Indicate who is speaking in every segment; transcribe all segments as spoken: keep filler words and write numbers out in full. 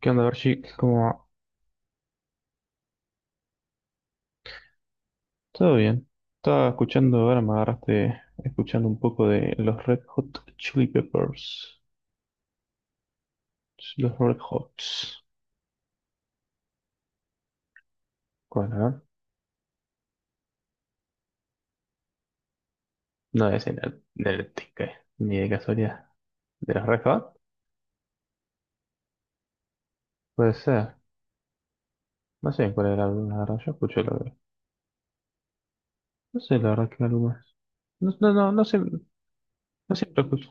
Speaker 1: ¿Qué onda, Berchi? ¿Cómo? Todo bien. Estaba escuchando, ahora me agarraste escuchando un poco de los Red Hot Chili Peppers. Los Red Hots. ¿Cuál, eh? No es en el, en el tique, ni de casualidad. ¿De los Red Hot? Puede ser. No sé en cuál era el álbum, la verdad. Yo escucho la verdad. No sé la verdad qué álbum es. No, no, no, no, sé- no siempre escucho.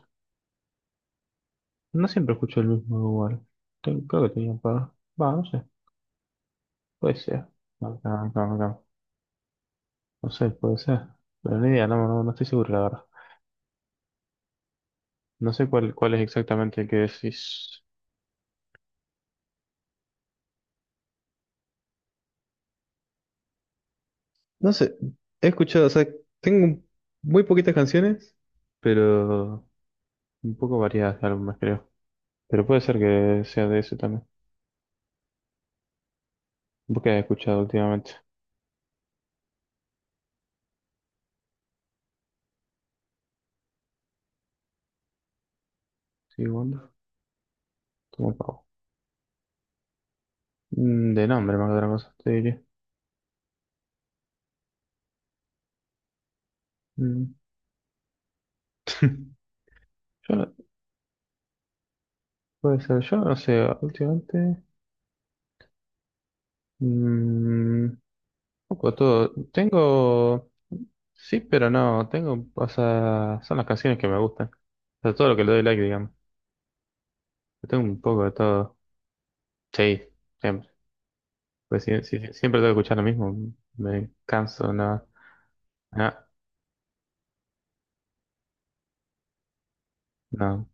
Speaker 1: No siempre escucho el mismo igual. Ten- Creo que tenía un par. Va, no sé. Puede ser. No sé, puede ser. Pero ni idea, no, no, no estoy seguro, la verdad. No sé cuál, cuál es exactamente el que decís. No sé, he escuchado, o sea, tengo muy poquitas canciones, pero un poco variadas de álbumes, creo. Pero puede ser que sea de ese también. ¿Vos qué has escuchado últimamente? Sí, bueno, como pavo. Mm, de nombre, más que otra cosa, te diría. Mm. Yo no- Puede ser, yo no sé, últimamente. mm, Poco todo. Tengo. Sí, pero no. Tengo. O sea, son las canciones que me gustan. O sea, todo lo que le doy like, digamos. Yo tengo un poco de todo. Sí, siempre. Pues si, si- si siempre tengo que escuchar lo mismo. Me canso, no. No, no,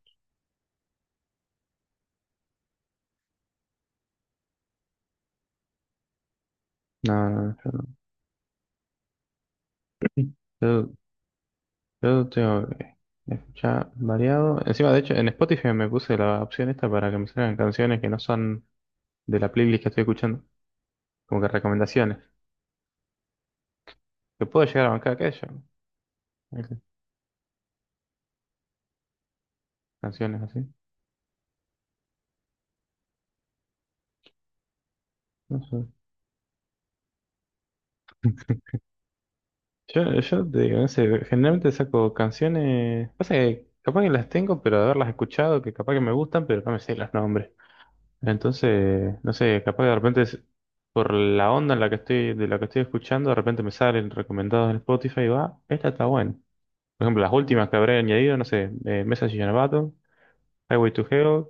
Speaker 1: no, no, yo no. Yo, yo tengo que escuchar variado. Encima, de hecho, en Spotify me puse la opción esta para que me salgan canciones que no son de la playlist que estoy escuchando, como que recomendaciones, que puedo llegar a bancar aquello, ¿viste? Canciones así. No sé. Yo, yo te digo, no sé, generalmente saco canciones, pasa que capaz que las tengo, pero de haberlas escuchado, que capaz que me gustan, pero no me sé los nombres. Entonces, no sé, capaz que de repente es- por la onda en la que estoy, de la que estoy escuchando, de repente me salen recomendados en Spotify y va, esta está buena. Por ejemplo, las últimas que habré añadido, no sé, eh, Message in a Bottle, Highway to Hell,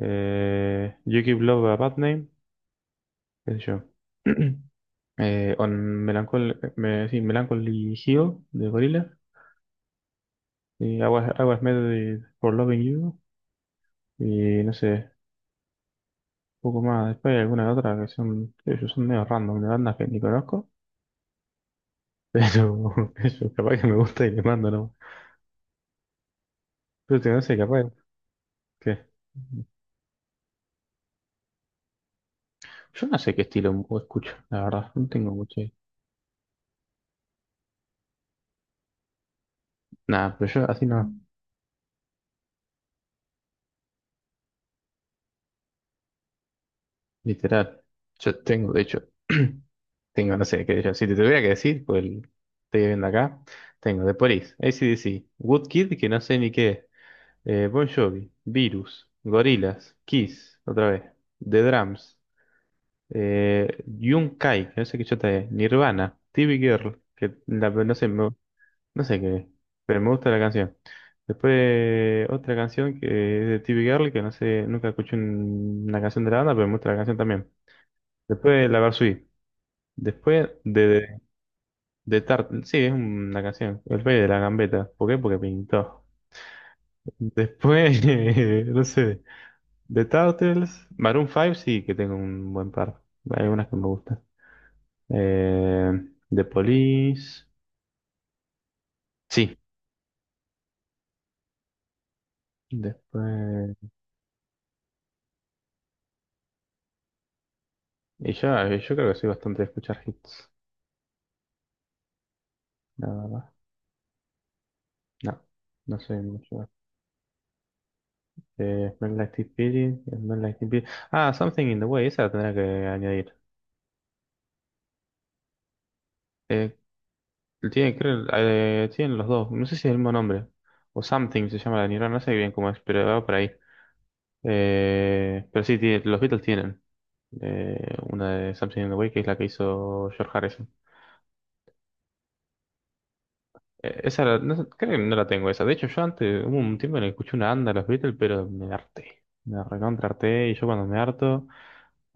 Speaker 1: eh, You Give Love a Bad Name, qué sé yo. Eh, on Melancholy, me, sí, Melancholy Hill de Gorilla. Y I was, I was made for loving you. Y no sé, un poco más. Después hay algunas otras que son, que yo son medio random, de bandas que ni conozco. Pero eso, capaz que me gusta y le mando, ¿no? Pero te- no sé, capaz que... Yo no sé qué estilo o escucho, la verdad. No tengo mucho. Nada, pero yo así no. Literal. Yo tengo, de hecho, tengo, no sé qué decir. Si te tuviera que decir, pues el- estoy viendo acá. Tengo The Police, A C/D C, Woodkid, que no sé ni qué es. Eh, Bon Jovi, Virus, Gorillaz, Kiss, otra vez, The Drums, eh, Yunkai, que no sé qué chota es, Nirvana, T V Girl, que la- no sé, me- no sé qué es, pero me gusta la canción. Después otra canción que es de T V Girl, que no sé, nunca escuché un- una canción de la banda, pero me gusta la canción también. Después La Varsity. Después de, de, de Tart, sí, es una canción, El Rey de la Gambeta. ¿Por qué? Porque pintó. Después, no sé. The Turtles, Maroon five sí que tengo un buen par. Hay algunas que me gustan. Eh, The Police, sí. Después... Y ya, eh, yo creo que soy bastante de escuchar hits, la verdad. No, no soy mucho. Eh, Smell Like Teen Spirit, Smell Like Teen Spirit. Ah, Something in the Way, esa la tendrá que añadir. Eh, tienen, creo, eh, tienen los dos, no sé si es el mismo nombre. O Something se llama la Nirvana, no sé bien cómo es, pero va por ahí. Eh, pero sí, tiene- los Beatles tienen de una de Something in the Way, que es la que hizo George Harrison. Eh, esa la- no sé, creo que no la tengo esa. De hecho, yo antes hubo un tiempo en el que escuché una anda de los Beatles, pero me harté. Me recontra harté y yo cuando me harto,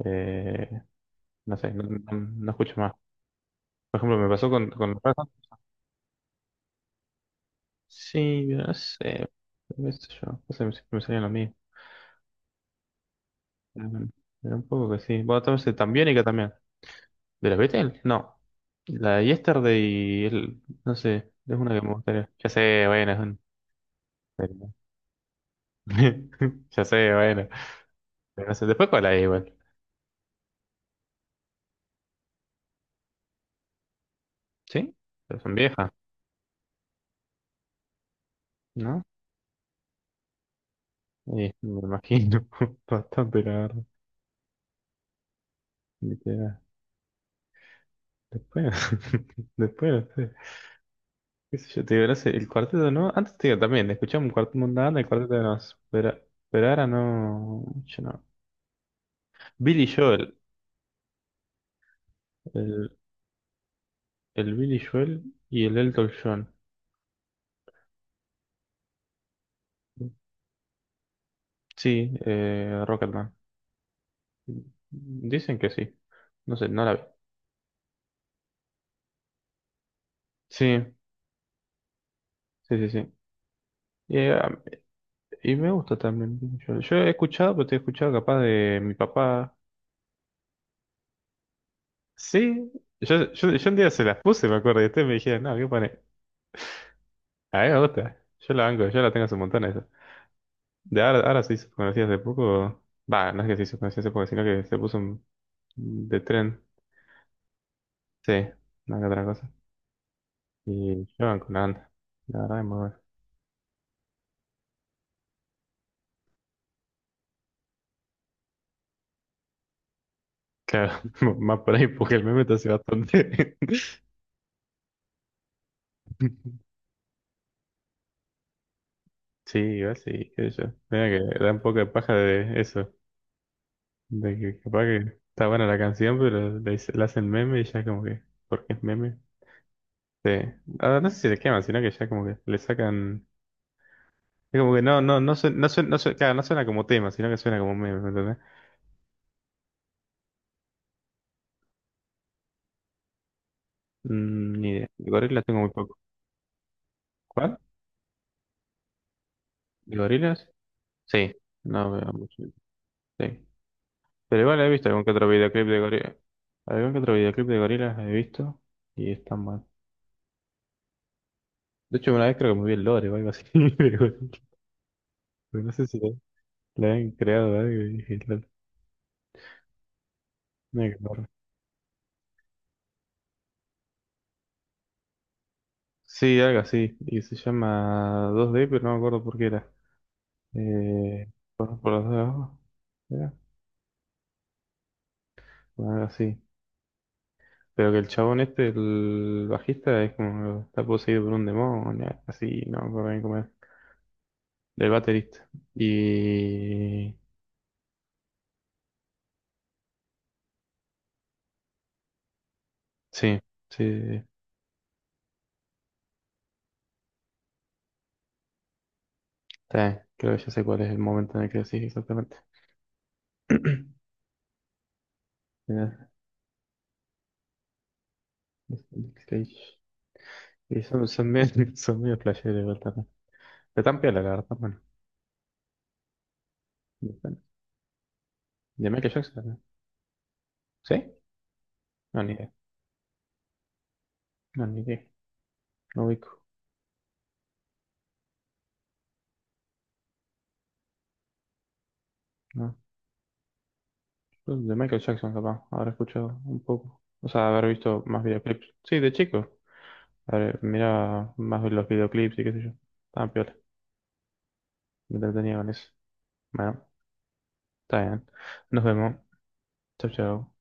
Speaker 1: eh, no sé, no, no- no escucho más. Por ejemplo, me pasó con, con los Ramones. Sí, pero no sé, qué sé yo, no sé, siempre me salían lo mismo. Pero un poco que sí. Bueno, entonces también y también. ¿De los Beatles? No. La de Yesterday, el- no sé, es una que me gustaría. Ya sé, bueno, es un... Ya sé, bueno. Pero no sé, después cuál hay igual. ¿Sí? Pero son viejas, ¿no? Y me imagino. Bastante, la verdad. Literal. Después, después, no sé. ¿Qué sé yo? Te digo, no sé, el cuarteto, ¿no? Antes te digo también, escuchaba un cuarteto, una el cuarteto no nos. Pero, pero ahora no. Yo no. Billy Joel. El, el Billy Joel y el Elton John. Sí, eh, Rocketman. Dicen que sí. No sé, no la vi. Sí, sí, sí, sí. Y, eh, y me gusta también mucho. Yo he escuchado, pero te he escuchado capaz de mi papá. Sí, yo, yo, yo un día se las puse, me acuerdo, y ustedes me dijeron, no, ¿qué pone? A mí me gusta. Yo la banco, yo la tengo hace un montón esa. De ahora, ahora se hizo conocida hace poco. Va, no es que se hizo conocida hace poco, sino que se puso un- de tren. Sí, no que otra cosa. Y yo banco una banda. La verdad es muy buena. Claro, más por ahí, porque el meme está hace bastante. Sí, igual sí, qué sé yo. Mira que da un poco de paja de eso. De que capaz que está buena la canción, pero le, hice- le hacen meme y ya como que, porque es meme, sí, ah, no sé si le queman, sino que ya como que le sacan, es como que no, no, no suena, no suena, no suena- claro, no suena como tema, sino que suena como meme, ¿me entendés? Mm, ni idea. De gorilas tengo muy poco. ¿Cuál? ¿De gorilas? Sí, no veo mucho. Sí. Pero igual he visto algún que otro videoclip de gorilas. Algún que otro videoclip de gorilas he visto y están mal. De hecho, una vez creo que me vi el lore o algo así de gorilas. Porque no sé si le, le han creado algo y dije, Negro. Sí, algo así. Y se llama dos d, pero no me acuerdo por qué era. Eh, por, por las dos de abajo. Era. Bueno, algo así. Pero que el chabón este, el bajista, es como está poseído por un demonio, algo así, no me acuerdo bien cómo era. Del baterista. Y sí, sí, sí, está bien. Creo que ya sé cuál es el momento en el que decís exactamente. Mirá, es el Cage. Y son, son medio, son medio flasheros igual también. Pero tan piola, la verdad, bueno. Depende. De Michael Jackson. ¿No? ¿Sí? No, ni idea. No, ni idea. No ubico. No. De Michael Jackson, capaz. Habré escuchado un poco. O sea, haber visto más videoclips. Sí, de chico. A ver, mira más los videoclips y qué sé yo. Estaban piola. Me entretenía con eso. Bueno, está bien. Nos vemos. Chau, chau.